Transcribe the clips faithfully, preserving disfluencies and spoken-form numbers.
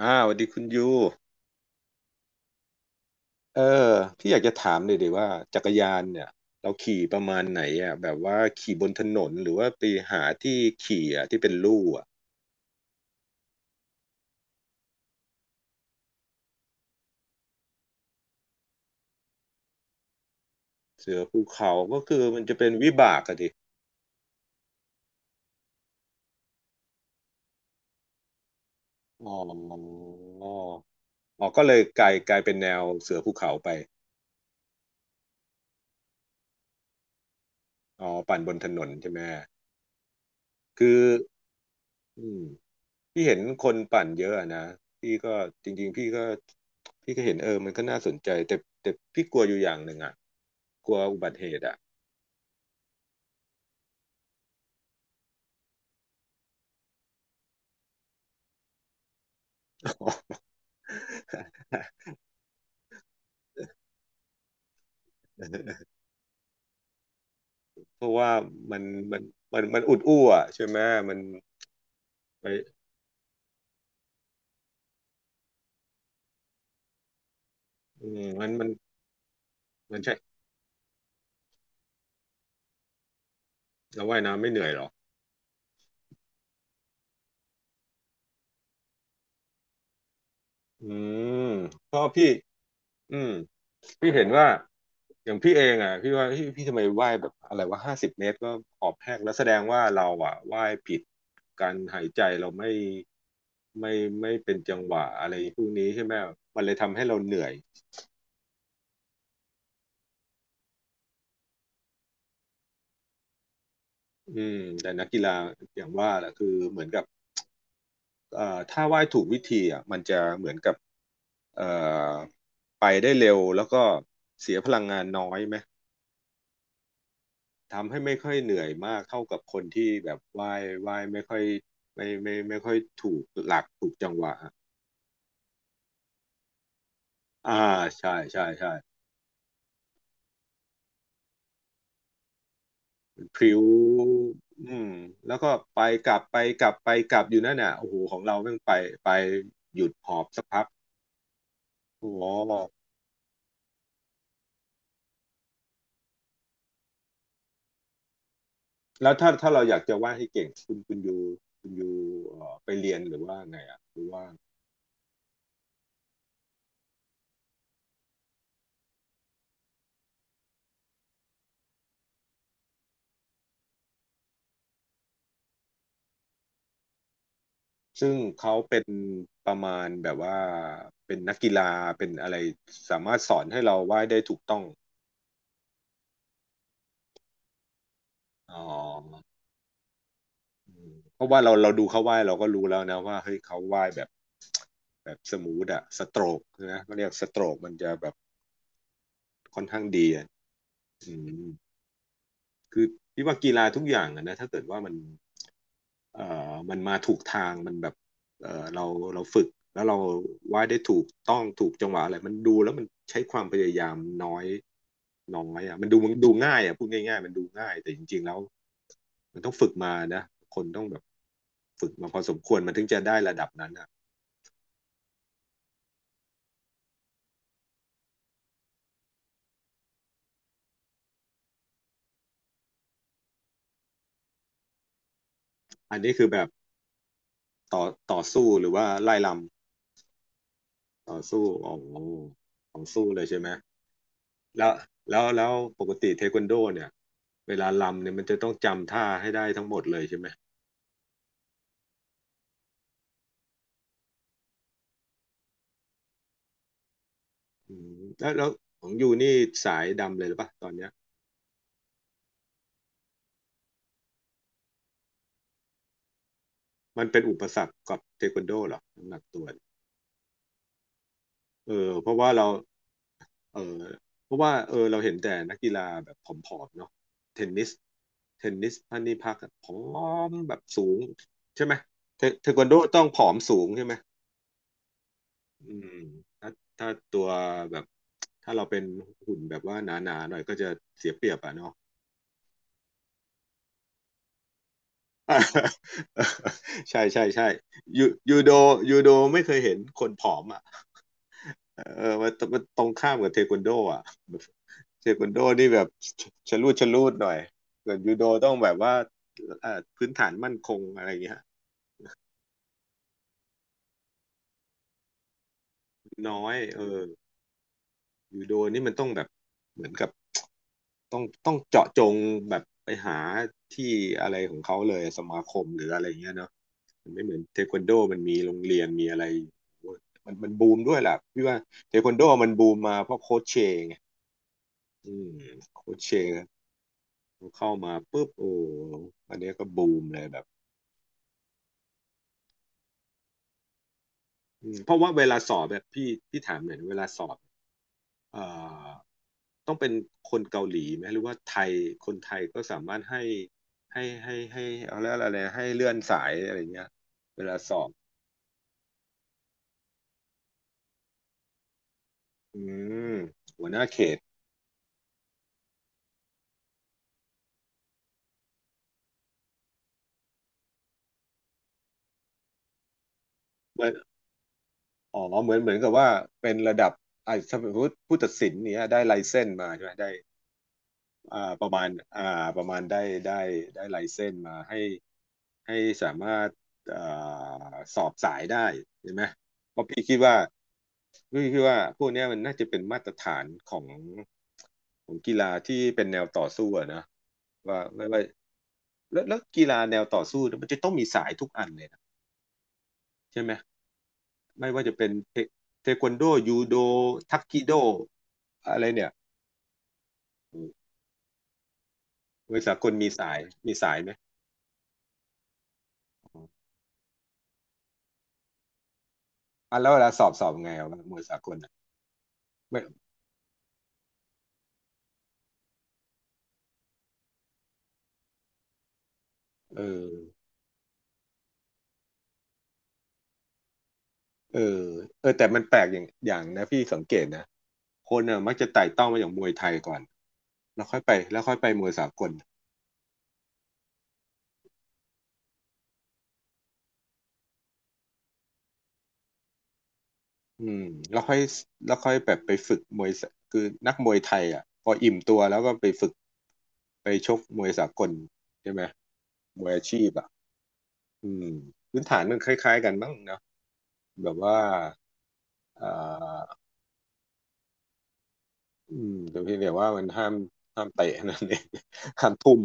อ่าสวัสดีคุณยูเออพี่อยากจะถามเลยดีว่าจักรยานเนี่ยเราขี่ประมาณไหนอ่ะแบบว่าขี่บนถนนหรือว่าไปหาที่ขี่อ่ะที่เป็นลู่อ่ะเสือภูเขาก็คือมันจะเป็นวิบากอะดิอ๋ออ๋ออ๋อก็เลยกลายกลายเป็นแนวเสือภูเขาไปอ๋อปั่นบนถนนใช่ไหมคืออืมพี่เห็นคนปั่นเยอะอะนะพี่ก็จริงๆพี่ก็พี่ก็เห็นเออมันก็น่าสนใจแต่แต่พี่กลัวอยู่อย่างหนึ่งอ่ะกลัวอุบัติเหตุอ่ะ เพราะว่ามันมันมันมันอุดอู้อ่ะใช่ไหมมันไปอืมมันมันมันใช่เราว่ายน้ำไม่เหนื่อยหรออืมเพราะพี่อืมพี่เห็นว่าอย่างพี่เองอ่ะพี่ว่าพี่พี่ทำไมว่ายแบบอะไรว่าห้าสิบเมตรก็หอบแห้งแล้วแสดงว่าเราอ่ะว่ายผิดการหายใจเราไม่ไม่ไม่เป็นจังหวะอะไรพวกนี้ใช่ไหมมันเลยทำให้เราเหนื่อยอืมแต่นักกีฬาอย่างว่าแหละคือเหมือนกับ เอ่อถ้าไหว้ถูกวิธีอ่ะมันจะเหมือนกับเอ่อไปได้เร็วแล้วก็เสียพลังงานน้อยไหมทำให้ไม่ค่อยเหนื่อยมากเท่ากับคนที่แบบไหว้ไหว้ไม่ค่อยไม่ไม่ไม่ไม่ค่อยถูกหลักถูกจังหวะอ่าใช่ใช่ใช่พริ้วอืมแล้วก็ไปกลับไปกลับไปกลับอยู่นั่นน่ะโอ้โหของเราแม่งไปไปหยุดหอบสักพักโอ้โห แล้วถ้าถ้าเราอยากจะวาดให้เก่งคุณคุณยูคุณยู่ไปเรียนหรือว่าไงอ่ะหรือว่าซึ่งเขาเป็นประมาณแบบว่าเป็นนักกีฬาเป็นอะไรสามารถสอนให้เราวาดได้ถูกต้องอ๋อเพราะว่าเราเราดูเขาวาดเราก็รู้แล้วนะว่าเฮ้ยเขาวาดแบบแบบสมูทอะสโตรกนะเขาเรียกสโตรกมันจะแบบค่อนข้างดีอะอืมคือพี่ว่ากีฬาทุกอย่างอะนะถ้าเกิดว่ามัน เอ่อมันมาถูกทางมันแบบเอ่อเราเราฝึกแล้วเราวาดได้ถูกต้องถูกจังหวะอะไรมันดูแล้วมันใช้ความพยายามน้อยน้อยอ่ะมันดูมันดูง่ายอ่ะพูดง่ายๆมันดูง่ายแต่จริงๆแล้วมันต้องฝึกมานะคนต้องแบบฝึกมาพอสมควรมันถึงจะได้ระดับนั้นอ่ะอันนี้คือแบบต่อต่อสู้หรือว่าไล่ลำต่อสู้อ๋อของสู้เลยใช่ไหมแล้วแล้วแล้วปกติเทควันโดเนี่ยเวลาลำเนี่ยมันจะต้องจำท่าให้ได้ทั้งหมดเลยใช่ไหม อืมแล้วแล้วของยูนี่สายดำเลยหรือปะตอนเนี้ยมันเป็นอุปสรรคกับเทควันโดเหรอน้ำหนักตัวเนี่ยเออเพราะว่าเราเออเพราะว่าเออเราเห็นแต่นักกีฬาแบบผอมๆเนาะเทนนิสเทนนิสพันนิพักอะผอมแบบสูงใช่ไหมเทเทควันโดต้องผอมสูงใช่ไหมอืมถ้าถ้าตัวแบบถ้าเราเป็นหุ่นแบบว่าหนาๆหน่อยก็จะเสียเปรียบอะเนาะ อ่า ใช่ใช่ใช่ยูยูโดยูโดไม่เคยเห็นคนผอมอ่ะเออมันมันตรงข้ามกับเทควันโดอ่ะแบบเทควันโดนี่แบบชชะลูดชะลูดหน่อยส่วนยูโดต้องแบบว่าเอ่อพื้นฐานมั่นคงอะไรเงี้ยน้อยเออยูโดนี่มันต้องแบบเหมือนกับ ต้องต้องเจาะจงแบบไปหาที่อะไรของเขาเลยสมาคมหรืออะไรอย่างเงี้ยเนาะมันไม่เหมือนเทควันโดมันมีโรงเรียนมีอะไรมันมันบูมด้วยแหละพี่ว่าเทควันโดมันบูมมาเพราะโค้ชเชงไงอืมโค้ชเชงเข้ามาปุ๊บโอ้อันเนี้ยก็บูมเลยแบบอืมเพราะว่าเวลาสอบแบบพี่พี่ถามหน่อยนะเวลาสอบเอ่อ ต้องเป็นคนเกาหลีไหมหรือว่าไทยคนไทยก็สามารถให้ให้ให้ให้เอาเรียอะไรนะให้เลื่อนสายอะไรเงี้ยเวลาสอบอืมหัวหน้าเขตเหมือนอ๋อเหมือนเหมือนกับว่าเป็นระดับอ่าสมมติผู้ตัดสินเนี้ยได้ไลเซนส์มาใช่ไหมได้อ่าประมาณอ่าประมาณได้ได้ได้ไลเซนส์มาให้ ให้สามารถเอ่อสอบสายได้ใช่ไหมเพราะพี่คิดว่าพี่คิดว่าพวกเนี้ยมันน่าจะเป็นมาตรฐานของของกีฬาที่เป็นแนวต่อสู้อะนะว่าไม่ว่าแล้วแล้วกีฬาแนวต่อสู้เนี่ยมันจะต้องมีสายทุกอันเลยนะใช่ไหมไม่ว่าจะเป็นเทเทควันโดยูโดทักกิโดอะไรเนี่ยอืมมวยสากลมีสายมีสายไหมอ่ะแล้วเวลาสอบสอบไงอะมวยสากลอะไม่เออ เออเออแต่มันแปลกอย่างอย่างนะพี่สังเกตนะคนน่ะมักจะไต่เต้ามาอย่างมวยไทยก่อนแล้วค่อยไปแล้วค่อยไปมวยสากลอืมแล้วค่อยแล้วค่อยแบบไปฝึกมวยสคือนักมวยไทยอ่ะพออิ่มตัวแล้วก็ไปฝึกไปชกมวยสากลใช่ไหมมวยอาชีพอ่ะอืมพื้นฐานมันคล้ายๆกันมั้งเนาะแบบว่าเอ่าอืมแต่เพียงแต่ว่ามันห้ามห้ามเตะนั่นเอง ห้ามทุ่ม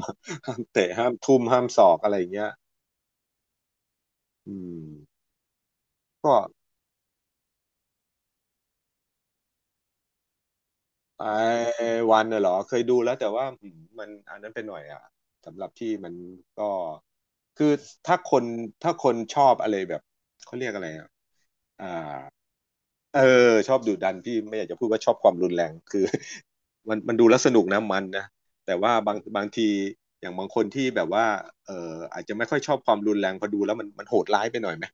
ห้ามเตะห้ามทุ่มห้ามศอกอะไรอย่างเงี้ยอืมก็ ไอ้วันน่ะเหรอเคยดูแล้วแต่ว่าอืมมันอันนั้นไปหน่อยอ่ะสำหรับที่มันก็คือถ้าคนถ้าคนชอบอะไรแบบเขาเรียกอะไรอ่ะอ่าเออชอบดุดันพี่ไม่อยากจะพูดว่าชอบความรุนแรงคือ มันมันดูแล้วสนุกนะมันนะแต่ว่าบางบางทีอย่างบางคนที่แบบว่าเอออาจจะไม่ค่อยชอบความรุนแรงพอดูแล้วมันมันโหดร้ายไปหน่อยไหม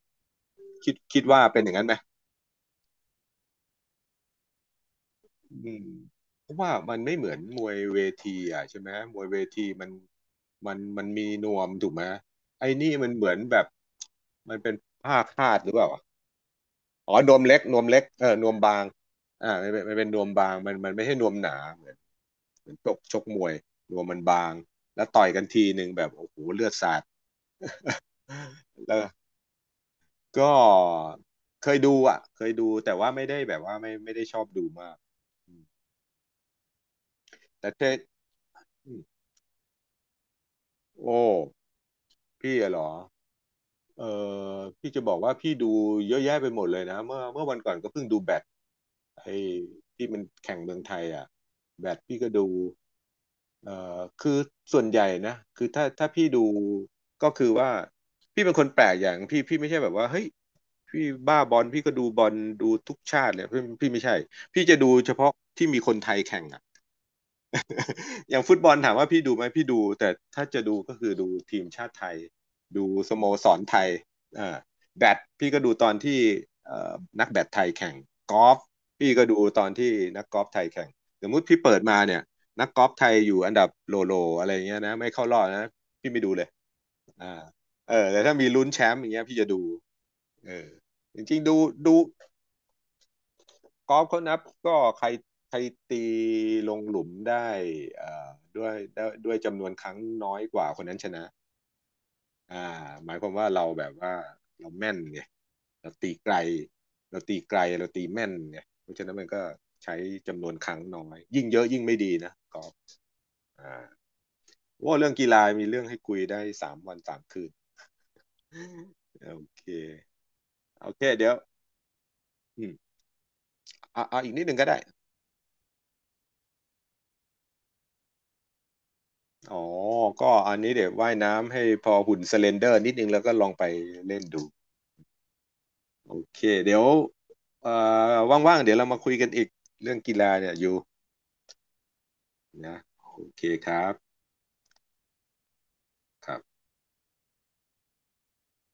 คิดคิดว่าเป็นอย่างนั้นไหม อืมเพราะว่ามันไม่เหมือนมวยเวทีอ่ะใช่ไหมมวยเวทีมันมันมันมีนวมถูกไหมไอ้นี่มันเหมือนแบบมันเป็นผ้าคาดหรือเปล่าอ๋อนวมเล็กนวมเล็กเออนวมบางอ่ามันเป็นมันเป็นนวมบางมันมันไม่ใช่นวมหนาเหมือนเหมือนชกชกมวยนวมมันบางแล้วต่อยกันทีหนึ่งแบบโอ้โหเลือดสาดแล้วก็เคยดูอ่ะเคยดูแต่ว่าไม่ได้แบบว่าไม่ไม่ได้ชอบดูมากอืมแต่เทอืมโอ้ พี่อะเหรอเออพี่จะบอกว่าพี่ดูเยอะแยะไปหมดเลยนะเมื่อเมื่อวันก่อนก็เพิ่งดูแบดไอ้ที่มันแข่งเมืองไทยอ่ะแบดพี่ก็ดูเออคือส่วนใหญ่นะคือถ้าถ้าพี่ดูก็คือว่าพี่เป็นคนแปลกอย่างพี่พี่ไม่ใช่แบบว่าเฮ้ยพี่บ้าบอลพี่ก็ดูบอลดูทุกชาติเลยพี่พี่ไม่ใช่ พี่จะดูเฉพาะที่มีคนไทยแข่งอ่ะ อย่างฟุตบอลถามว่าพี่ดูไหมพี่ดูแต่ถ้าจะดูก็คือดูทีมชาติไทยดูสโมสรไทยอ่าแบดพี่ก็ดูตอนที่นักแบดไทยแข่งกอล์ฟพี่ก็ดูตอนที่นักกอล์ฟไทยแข่งสมมติพี่เปิดมาเนี่ยนักกอล์ฟไทยอยู่อันดับโลโลอะไรเงี้ยนะไม่เข้ารอบนะพี่ไม่ดูเลยอ่าเออแต่ถ้ามีลุ้นแชมป์อย่างเงี้ยพี่จะดูเออจริงๆดูดู กอล์ฟเขานับก็ใครใครตีลงหลุมได้เอ่อด้วยด้วยด้วยจำนวนครั้งน้อยกว่าคนนั้นชนะอ่าหมายความว่าเราแบบว่าเราแม่นไงเราตีไกลเราตีไกลเราตีแม่นไงเพราะฉะนั้นมันก็ใช้จำนวนครั้งน้อยยิ่งเยอะยิ่งไม่ดีนะกอล์ฟอ่าว่าเรื่องกีฬามีเรื่องให้คุยได้สามวันสามคืนโอเคโอเคเดี๋ยวอืมเอาเอาอีกนิดหนึ่งก็ได้ อ๋อ ก็อันนี้เดี๋ยวว่ายน้ำให้พอหุ่นสเลนเดอร์นิดนึงแล้วก็ลองไปเล่นดูโอเคเดี๋ยวเอ่อว่างๆเดี๋ยวเรามาคุยกันอีกเรื่องกีฬาเนี่ยอยู่นะโอเคครับครับ